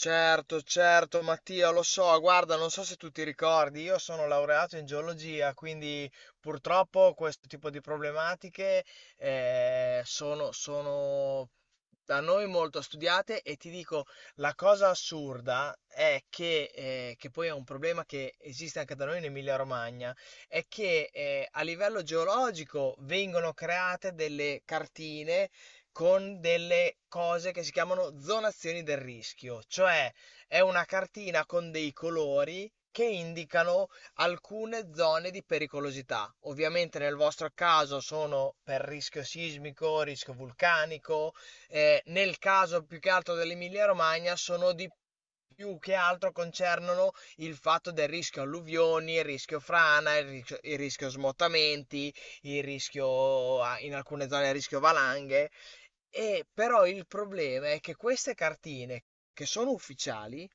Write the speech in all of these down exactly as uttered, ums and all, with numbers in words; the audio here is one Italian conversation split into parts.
Certo, certo, Mattia, lo so, guarda, non so se tu ti ricordi, io sono laureato in geologia, quindi purtroppo questo tipo di problematiche eh, sono, sono da noi molto studiate e ti dico, la cosa assurda è che, eh, che poi è un problema che esiste anche da noi in Emilia-Romagna, è che eh, a livello geologico vengono create delle cartine con delle cose che si chiamano zonazioni del rischio, cioè è una cartina con dei colori che indicano alcune zone di pericolosità. Ovviamente nel vostro caso sono per rischio sismico, rischio vulcanico, eh, nel caso più che altro dell'Emilia Romagna sono di più che altro concernono il fatto del rischio alluvioni, il rischio frana, il rischio, il rischio smottamenti, il rischio ah, in alcune zone il rischio valanghe. E però il problema è che queste cartine che sono ufficiali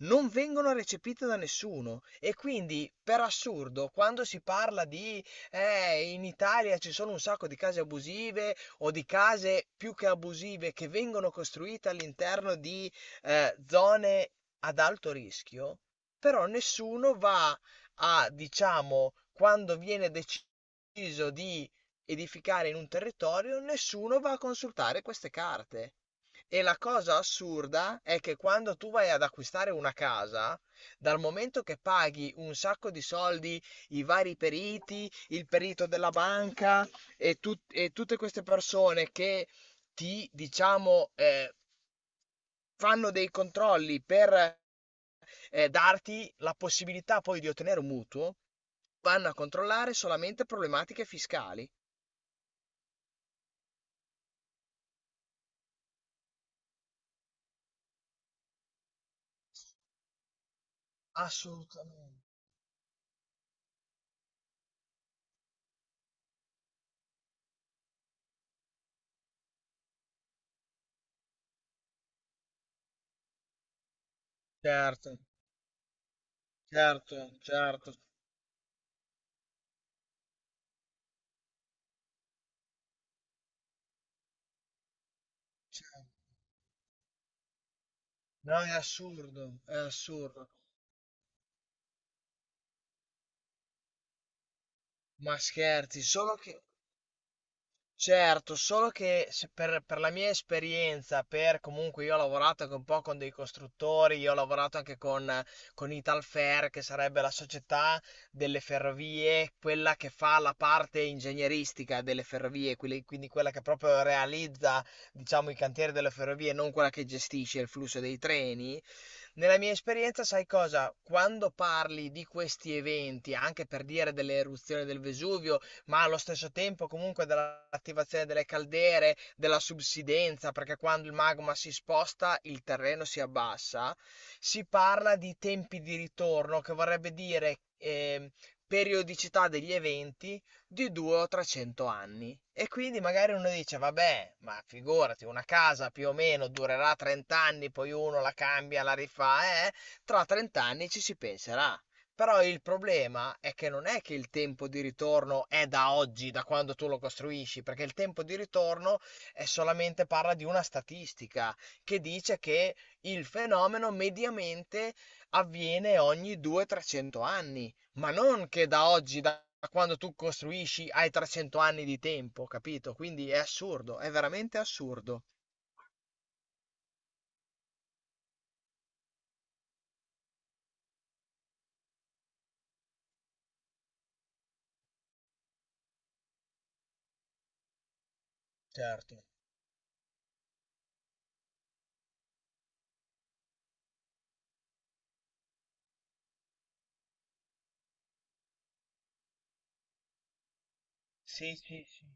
non vengono recepite da nessuno e quindi per assurdo quando si parla di eh, in Italia ci sono un sacco di case abusive o di case più che abusive che vengono costruite all'interno di eh, zone ad alto rischio, però nessuno va a, diciamo, quando viene deciso di edificare in un territorio, nessuno va a consultare queste carte. E la cosa assurda è che quando tu vai ad acquistare una casa, dal momento che paghi un sacco di soldi, i vari periti, il perito della banca e, tut- e tutte queste persone che ti, diciamo, eh, fanno dei controlli per eh, darti la possibilità poi di ottenere un mutuo, vanno a controllare solamente problematiche fiscali. Assolutamente. Certo, certo, certo, certo. No, è assurdo, è assurdo. Ma scherzi, solo che. Certo, solo che se per, per la mia esperienza, per comunque io ho lavorato anche un po' con dei costruttori, io ho lavorato anche con, con Italfer, che sarebbe la società delle ferrovie, quella che fa la parte ingegneristica delle ferrovie, quelle- quindi quella che proprio realizza, diciamo, i cantieri delle ferrovie, non quella che gestisce il flusso dei treni. Nella mia esperienza, sai cosa? Quando parli di questi eventi, anche per dire delle eruzioni del Vesuvio, ma allo stesso tempo comunque dell'attivazione delle caldere, della subsidenza, perché quando il magma si sposta il terreno si abbassa, si parla di tempi di ritorno, che vorrebbe dire ehm, periodicità degli eventi di duecento o trecento anni. E quindi magari uno dice, vabbè, ma figurati, una casa più o meno durerà trenta anni, poi uno la cambia, la rifà, eh, tra trenta anni ci si penserà. Però il problema è che non è che il tempo di ritorno è da oggi, da quando tu lo costruisci, perché il tempo di ritorno è solamente parla di una statistica che dice che il fenomeno mediamente avviene ogni duecento trecento anni, ma non che da oggi, da quando tu costruisci, hai trecento anni di tempo, capito? Quindi è assurdo, è veramente assurdo. Certo. Sì, sì, sì.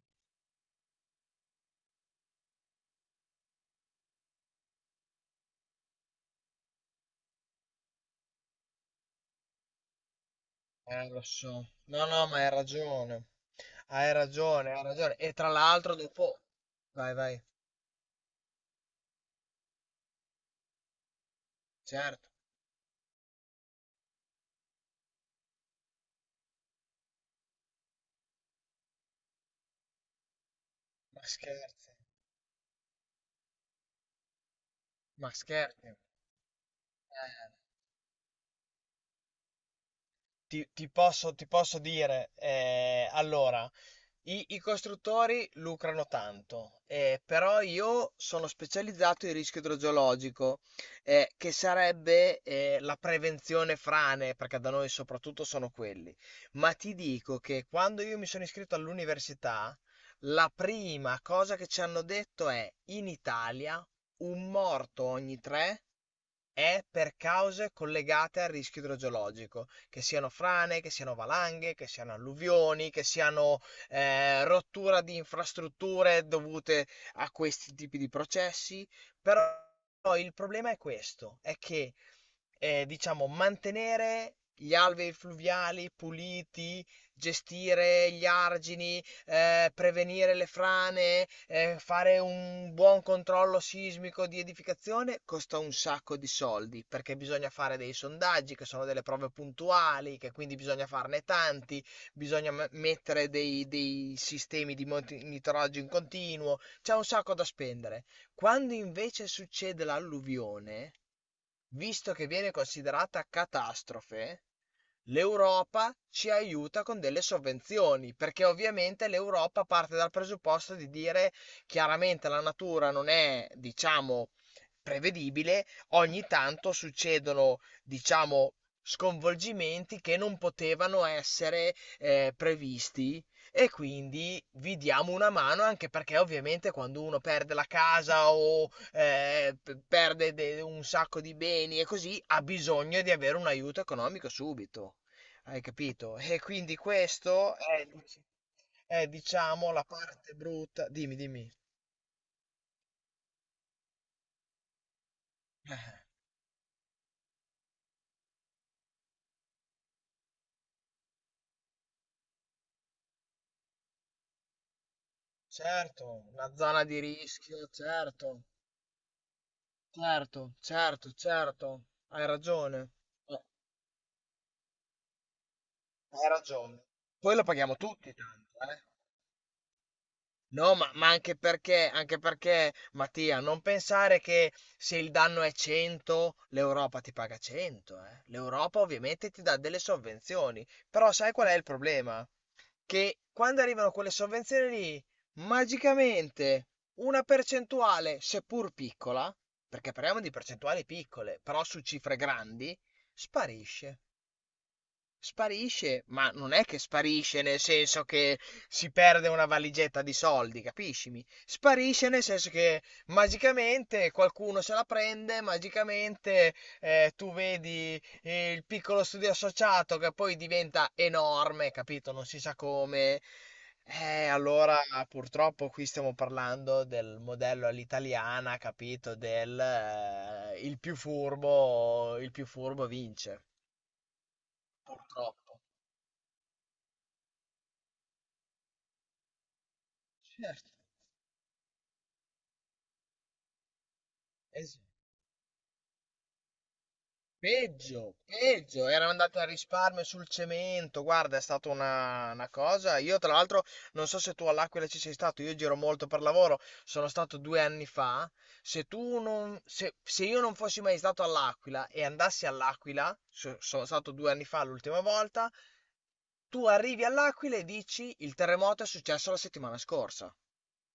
Eh, lo so. No, no, ma hai ragione. Hai ragione, hai ragione. E tra l'altro dopo... Vai, vai. Certo, ma scherzi, ma scherzi. Eh, ti, ti posso, ti posso dire, eh, allora, I, i costruttori lucrano tanto, eh, però io sono specializzato in rischio idrogeologico, eh, che sarebbe eh, la prevenzione frane, perché da noi soprattutto sono quelli. Ma ti dico che quando io mi sono iscritto all'università, la prima cosa che ci hanno detto è in Italia un morto ogni tre è per cause collegate al rischio idrogeologico, che siano frane, che siano valanghe, che siano alluvioni, che siano eh, rottura di infrastrutture dovute a questi tipi di processi. Però il problema è questo, è che eh, diciamo mantenere gli alvei fluviali puliti, gestire gli argini, eh, prevenire le frane, eh, fare un buon controllo sismico di edificazione, costa un sacco di soldi perché bisogna fare dei sondaggi che sono delle prove puntuali, che quindi bisogna farne tanti, bisogna me- mettere dei, dei sistemi di monitoraggio in continuo, c'è un sacco da spendere. Quando invece succede l'alluvione, visto che viene considerata catastrofe, L'Europa ci aiuta con delle sovvenzioni, perché ovviamente l'Europa parte dal presupposto di dire chiaramente la natura non è, diciamo, prevedibile, ogni tanto succedono, diciamo, sconvolgimenti che non potevano essere eh, previsti e quindi vi diamo una mano anche perché ovviamente quando uno perde la casa o eh, p- perde de- un sacco di beni e così ha bisogno di avere un aiuto economico subito. Hai capito? E quindi questo è, è, diciamo, la parte brutta. Dimmi, dimmi. Eh, Certo, una zona di rischio, certo, certo, certo, certo. Hai ragione. Eh, Hai ragione. Poi lo paghiamo tutti tanto, eh. No, ma, ma anche perché, anche perché, Mattia, non pensare che se il danno è cento, l'Europa ti paga cento, eh. L'Europa ovviamente ti dà delle sovvenzioni, però sai qual è il problema? Che quando arrivano quelle sovvenzioni lì, magicamente una percentuale, seppur piccola, perché parliamo di percentuali piccole, però su cifre grandi, sparisce. Sparisce, ma non è che sparisce nel senso che si perde una valigetta di soldi, capiscimi? Sparisce nel senso che magicamente qualcuno se la prende, magicamente eh, tu vedi eh, il piccolo studio associato che poi diventa enorme, capito? Non si sa come. Eh, allora purtroppo qui stiamo parlando del modello all'italiana, capito? Del eh, il più furbo, il più furbo vince, purtroppo. Certo, es- peggio, peggio, erano andati a risparmio sul cemento, guarda, è stata una, una cosa. Io tra l'altro non so se tu all'Aquila ci sei stato, io giro molto per lavoro, sono stato due anni fa. Se tu non, se, se io non fossi mai stato all'Aquila e andassi all'Aquila, so- sono stato due anni fa l'ultima volta, tu arrivi all'Aquila e dici il terremoto è successo la settimana scorsa.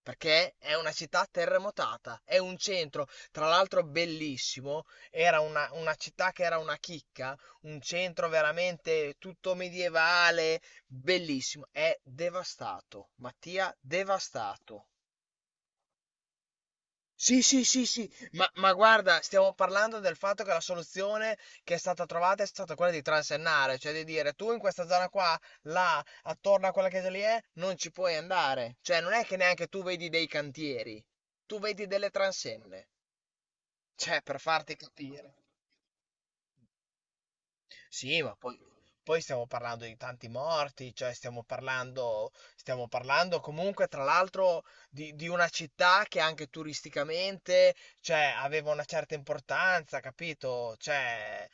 Perché è una città terremotata, è un centro, tra l'altro bellissimo, era una, una città che era una chicca, un centro veramente tutto medievale, bellissimo, è devastato, Mattia, devastato. Sì, sì, sì, sì, ma, ma guarda, stiamo parlando del fatto che la soluzione che è stata trovata è stata quella di transennare, cioè di dire tu in questa zona qua, là, attorno a quella chiesa lì è, non ci puoi andare. Cioè non è che neanche tu vedi dei cantieri, tu vedi delle transenne, cioè per farti capire. Sì, ma poi, poi stiamo parlando di tanti morti, cioè stiamo parlando, stiamo parlando comunque tra l'altro di, di una città che anche turisticamente, cioè, aveva una certa importanza, capito? Cioè,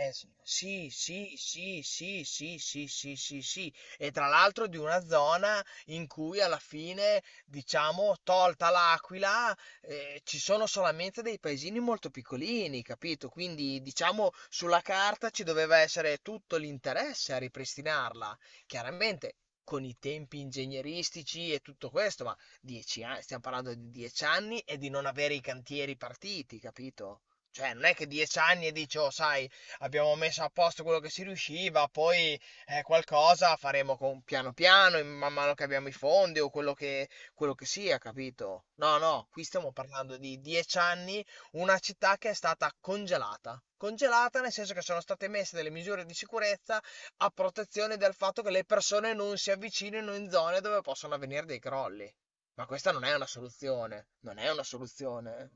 eh, s- sì, sì, sì, sì, sì, sì, sì, sì, sì, e tra l'altro di una zona in cui alla fine, diciamo, tolta l'Aquila, eh, ci sono solamente dei paesini molto piccolini, capito? Quindi, diciamo, sulla carta ci doveva essere tutto l'interesse a ripristinarla, chiaramente con i tempi ingegneristici e tutto questo, ma dieci anni, stiamo parlando di dieci anni e di non avere i cantieri partiti, capito? Cioè, non è che dieci anni e dici, oh, sai, abbiamo messo a posto quello che si riusciva, poi eh, qualcosa faremo con- piano piano, in man mano che abbiamo i fondi o quello che, quello che sia, capito? No, no, qui stiamo parlando di dieci anni, una città che è stata congelata. Congelata nel senso che sono state messe delle misure di sicurezza a protezione del fatto che le persone non si avvicinino in zone dove possono avvenire dei crolli. Ma questa non è una soluzione, non è una soluzione. Eh.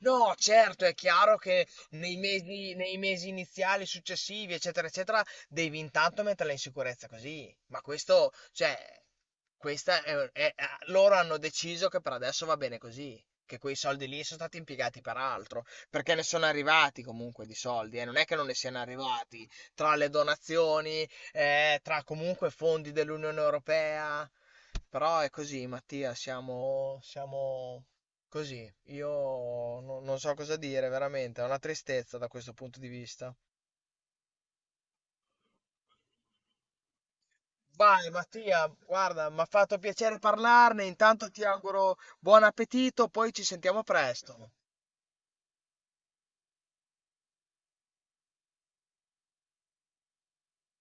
No, certo, è chiaro che nei mesi, nei mesi iniziali, successivi, eccetera, eccetera, devi intanto metterla in sicurezza così. Ma questo, cioè, questa è- è- è- loro hanno deciso che per adesso va bene così. Che quei soldi lì sono stati impiegati per altro, perché ne sono arrivati comunque di soldi, eh, non è che non ne siano arrivati tra le donazioni, eh, tra comunque fondi dell'Unione Europea. Però è così, Mattia, siamo, siamo così. Io no- non so cosa dire, veramente, è una tristezza da questo punto di vista. Vai, Mattia, guarda, mi ha fatto piacere parlarne, intanto ti auguro buon appetito, poi ci sentiamo presto.